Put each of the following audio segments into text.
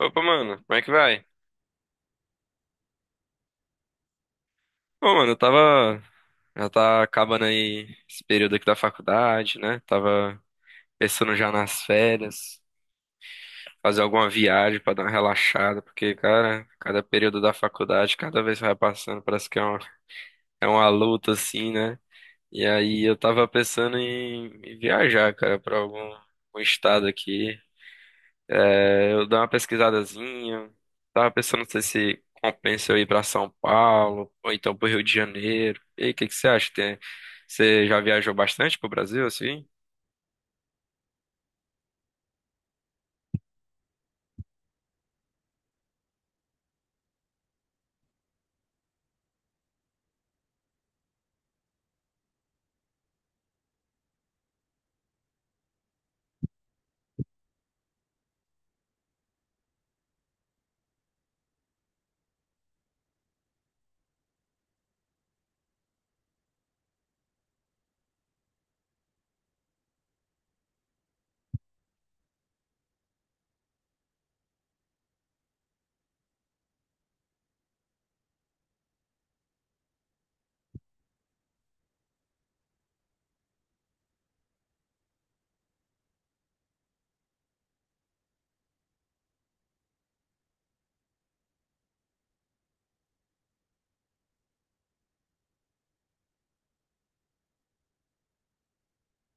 Opa, mano, como é que vai? Bom, mano, eu tava. Já tá acabando aí esse período aqui da faculdade, né? Tava pensando já nas férias, fazer alguma viagem pra dar uma relaxada, porque, cara, cada período da faculdade, cada vez que vai passando, parece que é uma luta, assim, né? E aí eu tava pensando em viajar, cara, pra algum estado aqui. É, eu dou uma pesquisadazinha. Tava pensando, não sei se compensa eu ir pra São Paulo ou então pro Rio de Janeiro. E aí, o que que você acha? Você já viajou bastante pro Brasil, assim?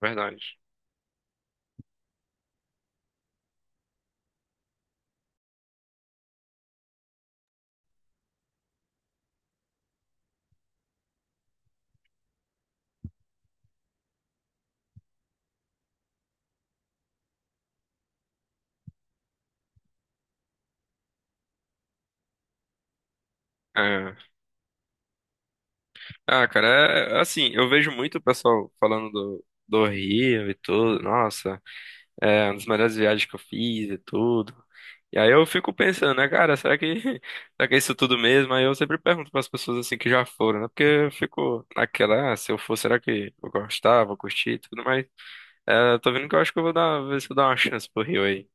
Verdade. É. Ah, cara, é assim, eu vejo muito o pessoal falando do Rio e tudo. Nossa. É uma das melhores viagens que eu fiz e tudo. E aí eu fico pensando, né, cara, será que é isso tudo mesmo? Aí eu sempre pergunto para as pessoas assim que já foram, né? Porque eu fico naquela, ah, se eu for, será que eu gostava, curti e tudo mais? É, eu tô vendo que eu acho que eu vou dar, ver se eu dou uma chance pro Rio aí.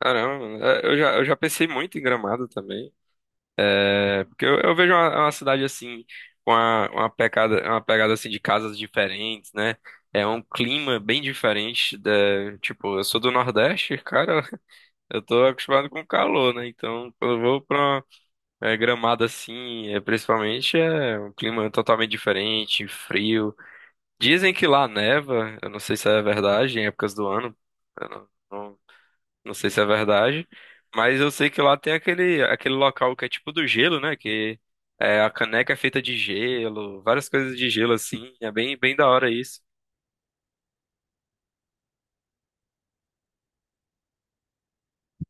Caramba, é, eu já pensei muito em Gramado também. É, porque eu vejo uma cidade assim, com uma pegada assim de casas diferentes, né? É um clima bem diferente da, tipo, eu sou do Nordeste, cara. Eu tô acostumado com calor, né? Então, quando eu vou pra Gramado assim, principalmente, é um clima totalmente diferente, frio. Dizem que lá neva, eu não sei se é verdade, em épocas do ano, eu não, não, não sei se é verdade, mas eu sei que lá tem aquele local que é tipo do gelo, né? Que a caneca é feita de gelo, várias coisas de gelo assim, é bem, bem da hora isso.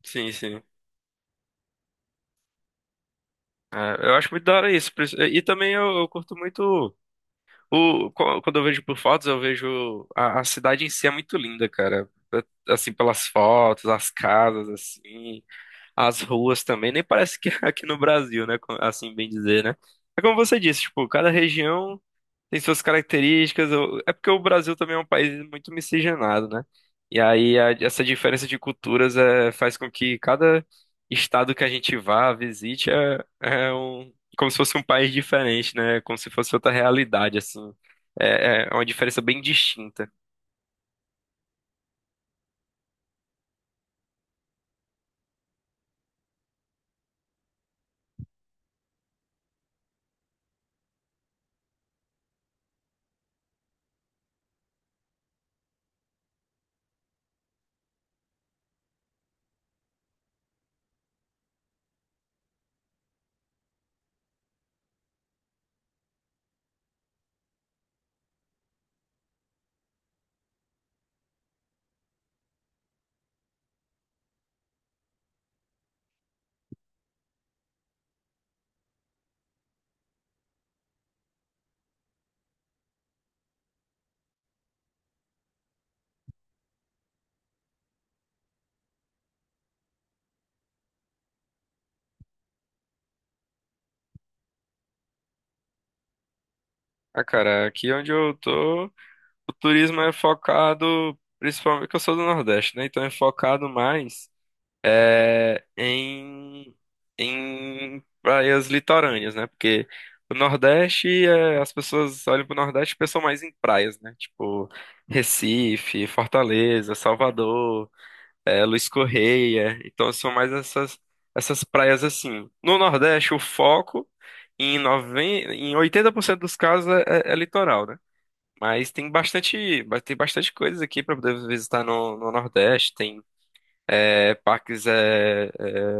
Sim, sim. É, eu acho muito da hora isso. E também eu curto muito. O, quando eu vejo por fotos, eu vejo a cidade em si é muito linda, cara. É, assim, pelas fotos, as casas, assim, as ruas também. Nem parece que é aqui no Brasil, né? Assim, bem dizer, né? É como você disse, tipo, cada região tem suas características. É porque o Brasil também é um país muito miscigenado, né? E aí essa diferença de culturas faz com que cada estado que a gente vá, visite, como se fosse um país diferente, né? Como se fosse outra realidade, assim. É uma diferença bem distinta. Ah, cara, aqui onde eu tô, o turismo é focado, principalmente que eu sou do Nordeste, né? Então é focado mais. é, em, em praias litorâneas, né? Porque o Nordeste, as pessoas olham pro Nordeste e pensam mais em praias, né? Tipo Recife, Fortaleza, Salvador, Luiz Correia. Então são mais essas praias assim. No Nordeste, o foco 90 em 80% dos casos é litoral, né? Mas tem bastante coisas aqui para poder visitar no Nordeste. Tem parques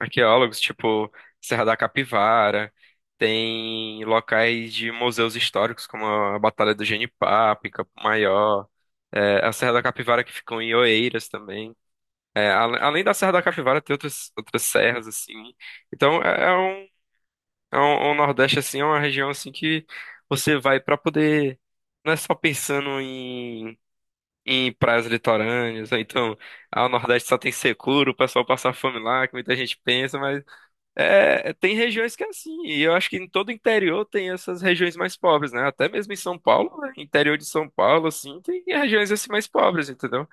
arqueólogos, tipo Serra da Capivara, tem locais de museus históricos, como a Batalha do Genipapo, em Campo Maior, a Serra da Capivara que ficou em Oeiras também. É, além da Serra da Capivara, tem outras serras, assim. Então, é um Nordeste, assim, é uma região, assim, que você vai para poder... Não é só pensando em praias litorâneas, ou então, ah, o Nordeste só tem secura, o pessoal passa fome lá, que muita gente pensa, mas tem regiões que é assim, e eu acho que em todo o interior tem essas regiões mais pobres, né? Até mesmo em São Paulo, né? Interior de São Paulo, assim, tem regiões assim mais pobres, entendeu?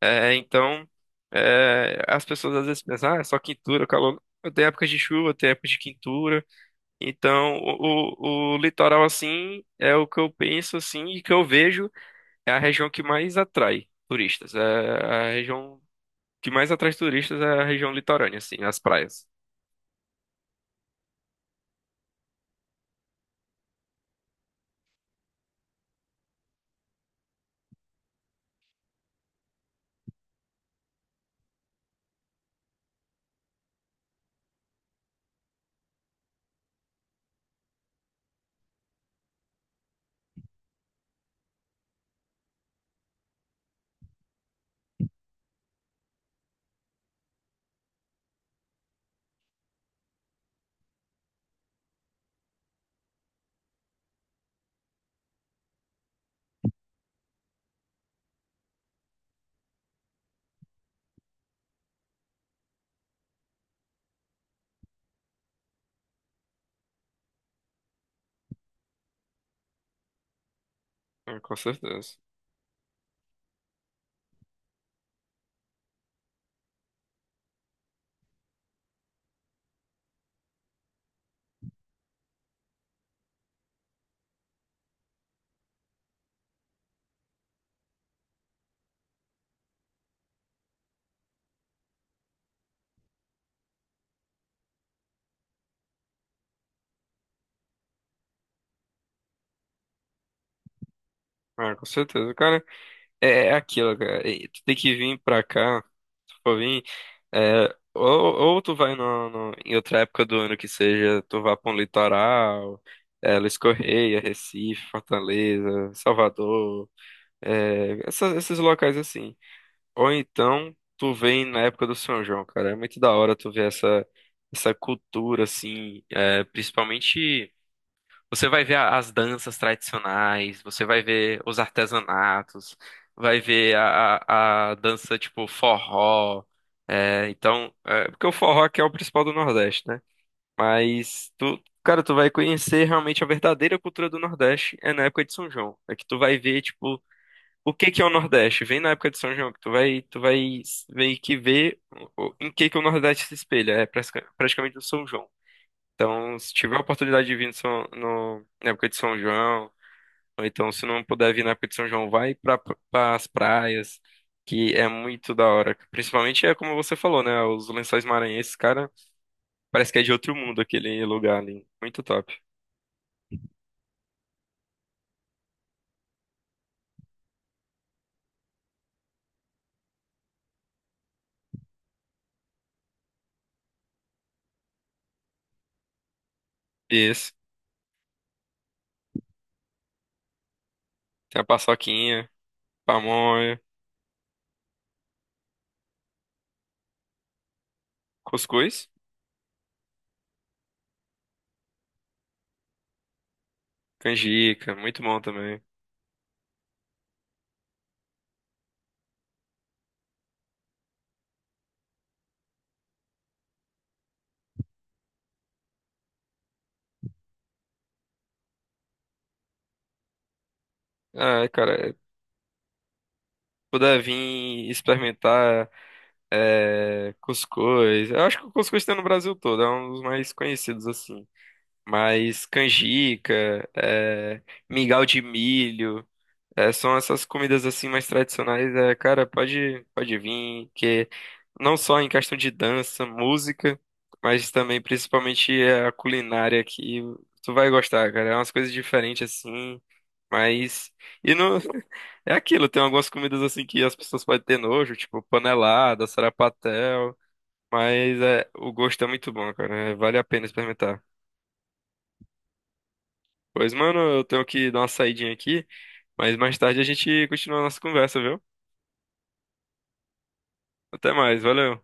É, então, as pessoas às vezes pensam, ah, é só quintura, calor. Tem épocas de chuva, tem épocas de quintura. Então, o litoral, assim, é o que eu penso, assim, e que eu vejo é a região que mais atrai turistas. É a região que mais atrai turistas é a região litorânea, assim, as praias. É, com certeza. Ah, com certeza, cara. É aquilo, cara. E tu tem que vir pra cá. Se tu for vir, é, ou tu vai em outra época do ano que seja, tu vá pra um litoral, Luiz Correia, Recife, Fortaleza, Salvador, esses locais assim. Ou então tu vem na época do São João, cara. É muito da hora tu ver essa cultura, assim, principalmente. Você vai ver as danças tradicionais, você vai ver os artesanatos, vai ver a dança tipo forró. É, então, porque o forró aqui é o principal do Nordeste, né? Mas tu, cara, tu vai conhecer realmente a verdadeira cultura do Nordeste é na época de São João. É que tu vai ver, tipo, o que que é o Nordeste? Vem na época de São João, que tu vai meio que ver em que o Nordeste se espelha. É praticamente o São João. Então, se tiver a oportunidade de vir na época de São João, ou então se não puder vir na época de São João, vai para as praias, que é muito da hora. Principalmente é como você falou, né? Os Lençóis Maranhenses, cara, parece que é de outro mundo aquele lugar ali. Muito top. Isso. Tem a paçoquinha, pamonha, cuscuz, canjica, muito bom também. Ah, cara, puder vir experimentar cuscuz. Eu acho que o cuscuz tem no Brasil todo, é um dos mais conhecidos assim. Mas canjica, mingau de milho, são essas comidas assim mais tradicionais. É, cara, pode vir, que não só em questão de dança, música, mas também principalmente a culinária aqui tu vai gostar, cara. É umas coisas diferentes assim, mas e não é aquilo. Tem algumas comidas assim que as pessoas podem ter nojo, tipo panelada, sarapatel, mas o gosto é muito bom, cara. É, vale a pena experimentar. Pois, mano, eu tenho que dar uma saidinha aqui, mas mais tarde a gente continua a nossa conversa, viu? Até mais, valeu.